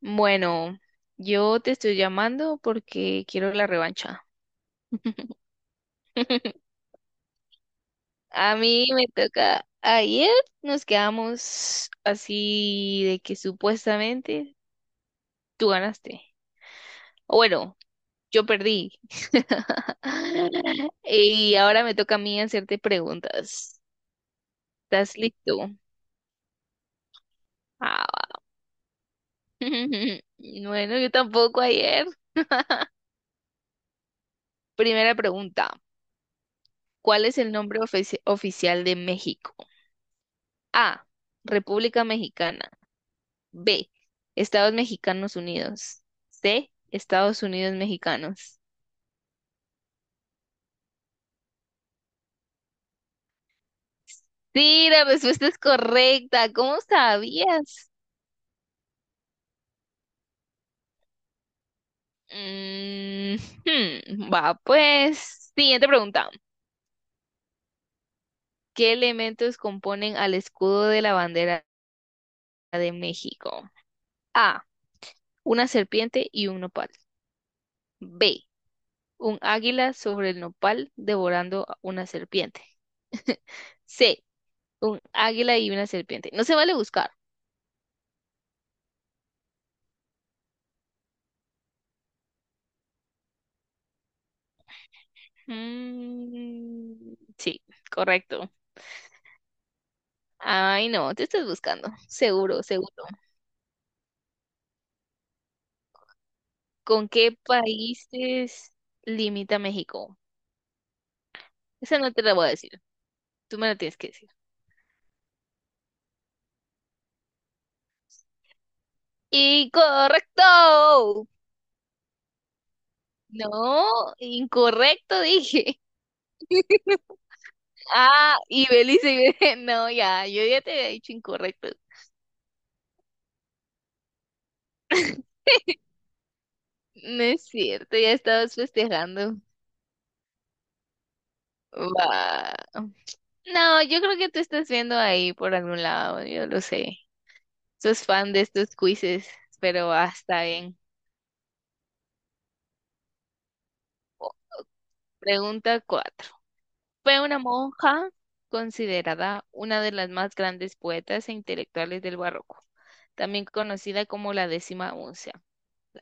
Bueno, yo te estoy llamando porque quiero la revancha. A mí me toca. Ayer nos quedamos así de que supuestamente tú ganaste. O bueno, yo perdí. Y ahora me toca a mí hacerte preguntas. ¿Estás listo? Ah, va. Bueno, yo tampoco ayer. Primera pregunta. ¿Cuál es el nombre oficial de México? A. República Mexicana. B. Estados Mexicanos Unidos. C. Estados Unidos Mexicanos. Sí, la respuesta es correcta. ¿Cómo sabías? Mm, hmm, va, pues. Siguiente pregunta. ¿Qué elementos componen al escudo de la bandera de México? A. Una serpiente y un nopal. B. Un águila sobre el nopal devorando a una serpiente. C. Un águila y una serpiente. No se vale buscar. Mm, sí, correcto. Ay, no, te estás buscando. Seguro, seguro. ¿Con qué países limita México? Esa no te la voy a decir. Tú me la tienes que decir. ¡Incorrecto! No, incorrecto dije. Ah, y Belice. No, ya, yo ya te había dicho incorrecto. No es cierto, ya estabas festejando. Va. No, yo creo que tú estás viendo ahí por algún lado, yo lo sé. Sos fan de estos quizzes, pero ah, está bien. Pregunta cuatro. Fue una monja considerada una de las más grandes poetas e intelectuales del barroco, también conocida como la décima musa.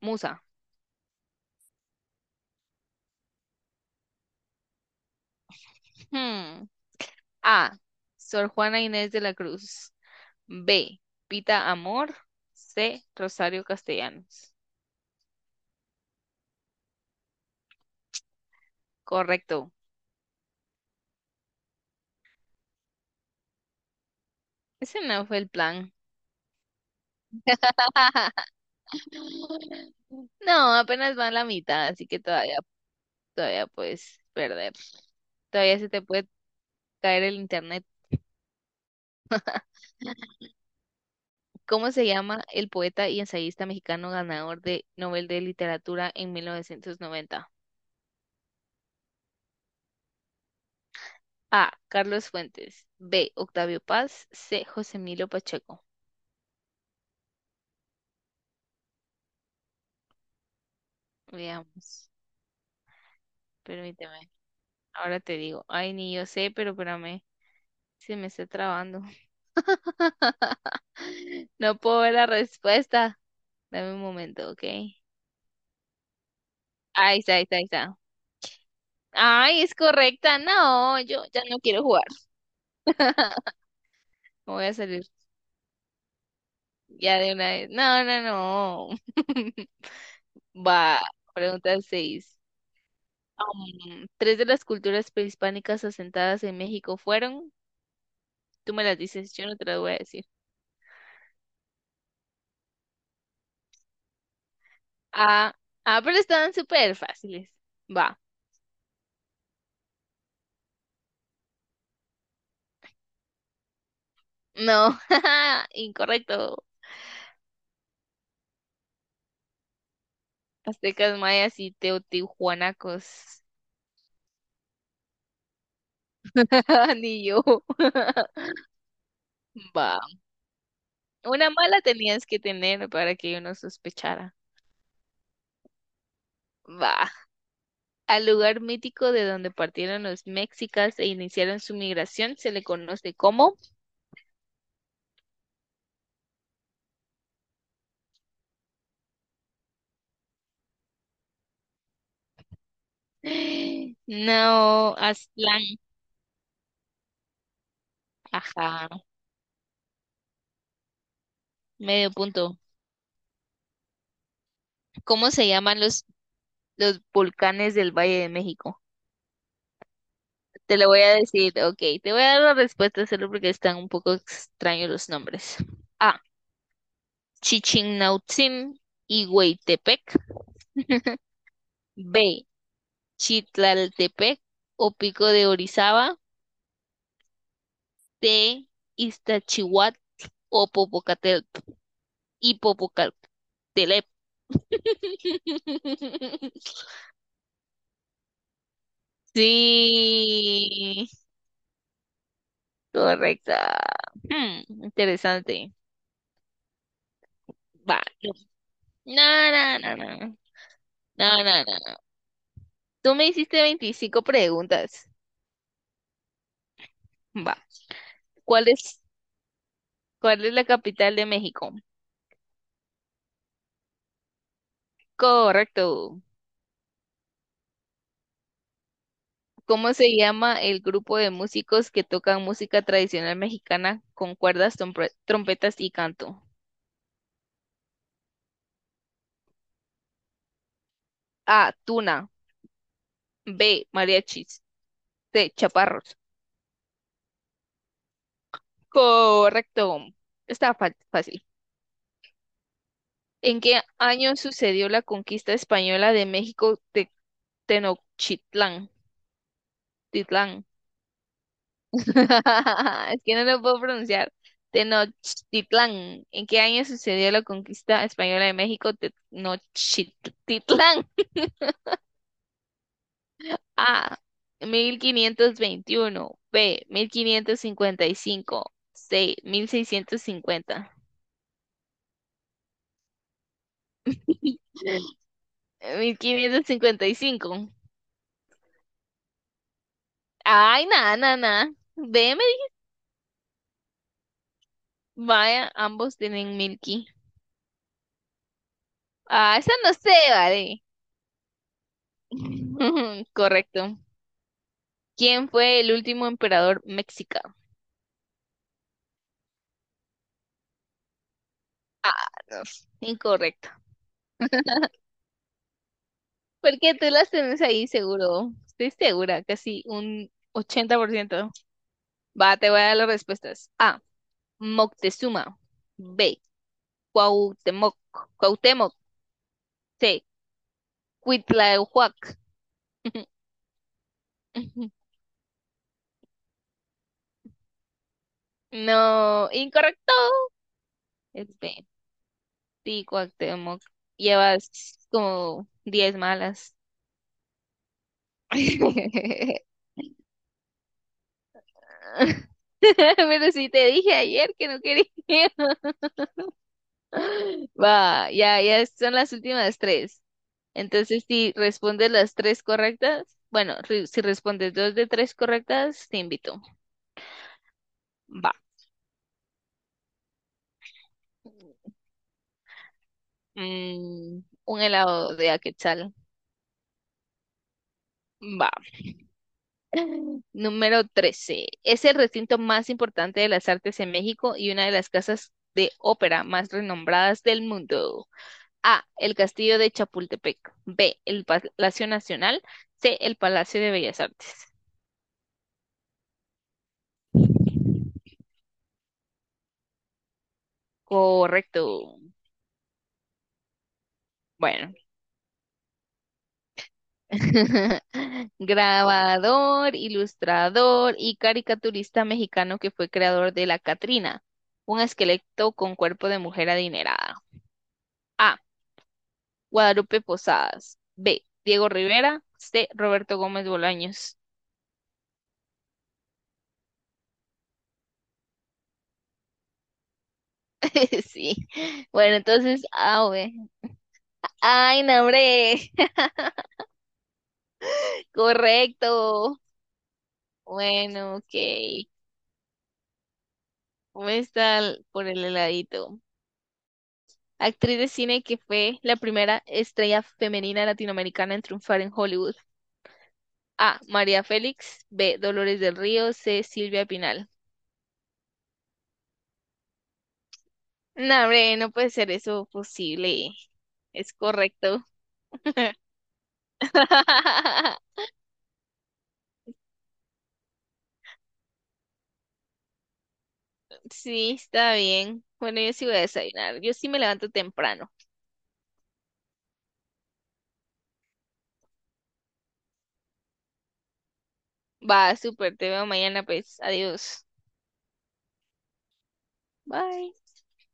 Musa. Hmm. A. Sor Juana Inés de la Cruz. B. Pita Amor. C. Rosario Castellanos. Correcto. Ese no fue el plan. No, apenas van la mitad, así que todavía, todavía puedes perder. Todavía se te puede caer el internet. ¿Cómo se llama el poeta y ensayista mexicano ganador de Nobel de Literatura en 1990? A. Carlos Fuentes. B. Octavio Paz. C. José Emilio Pacheco. Veamos. Permíteme. Ahora te digo. Ay, ni yo sé, pero espérame. Se me está trabando. No puedo ver la respuesta. Dame un momento, ¿ok? Ahí está, ahí está, ahí está. Ay, es correcta. No, yo ya no quiero jugar. No voy a salir ya de una vez. No, no, no. Va, pregunta 6. Tres de las culturas prehispánicas asentadas en México fueron. Tú me las dices, yo no te las voy a decir. Ah, ah, pero estaban súper fáciles. Va. No, incorrecto. Aztecas, mayas y teotihuanacos. Ni yo. Va. Una mala tenías que tener para que yo no sospechara. Va. Al lugar mítico de donde partieron los mexicas e iniciaron su migración se le conoce como… ¡No! Aztlán. Ajá, medio punto. ¿Cómo se llaman los volcanes del Valle de México? Te lo voy a decir, ok, te voy a dar la respuesta solo porque están un poco extraños los nombres. A. Chichinautzin y Hueytepec. B. Chitlaltepec o Pico de Orizaba. C. o Popocatel y Popocatelep. Sí, correcta. Hmm, interesante. Va. No, no, no, no. No, no, no. Tú me hiciste 25 preguntas. Va. ¿Cuál es, cuál es la capital de México? Correcto. ¿Cómo se llama el grupo de músicos que tocan música tradicional mexicana con cuerdas, trompetas y canto? A. Tuna. B. Mariachis. C. Chaparros. Correcto. Está fácil. ¿En qué año sucedió la conquista española de México de Tenochtitlán? Titlán. Es que no lo puedo pronunciar. Tenochtitlán. ¿En qué año sucedió la conquista española de México de Tenochtitlán? A. 1521, B. 1555, C. mil seiscientos cincuenta, cincuenta quinientos cincuenta y cinco. Ay, nada, nada, nada. B. Vaya, ambos tienen Milky. Ah, esa no sé, vale. Correcto. ¿Quién fue el último emperador mexicano? Ah, no, sé, incorrecto. Porque tú las tenés ahí seguro. Estoy segura, casi un 80%. Va, te voy a dar las respuestas. A. Moctezuma. B. Cuauhtémoc. Cuauhtémoc. C. Cuitlahuac. No, incorrecto. Es B. Sí, Cuauhtémoc, llevas como 10 malas. Pero sí te dije ayer que no quería. Va, ya, ya son las últimas tres. Entonces, si respondes las tres correctas, bueno, si respondes dos de tres correctas, te invito. Va. Mm, un helado de Aquetzal. Va. Número 13. Es el recinto más importante de las artes en México y una de las casas de ópera más renombradas del mundo. A. El Castillo de Chapultepec. B. El Palacio Nacional. C. El Palacio de Bellas Artes. Correcto. Bueno. Grabador, ilustrador y caricaturista mexicano que fue creador de La Catrina, un esqueleto con cuerpo de mujer adinerada. A. Guadalupe Posadas. B. Diego Rivera. C. Roberto Gómez Bolaños. Sí. Bueno, entonces A o B. Ay, no, hombre. Correcto. Bueno, ok. ¿Cómo está por el heladito? Actriz de cine que fue la primera estrella femenina latinoamericana en triunfar en Hollywood. A. María Félix. B. Dolores del Río. C. Silvia Pinal. No, hombre, no puede ser eso posible. Es correcto. Sí, está bien. Bueno, yo sí voy a desayunar. Yo sí me levanto temprano. Va, súper, te veo mañana, pues. Adiós. Bye.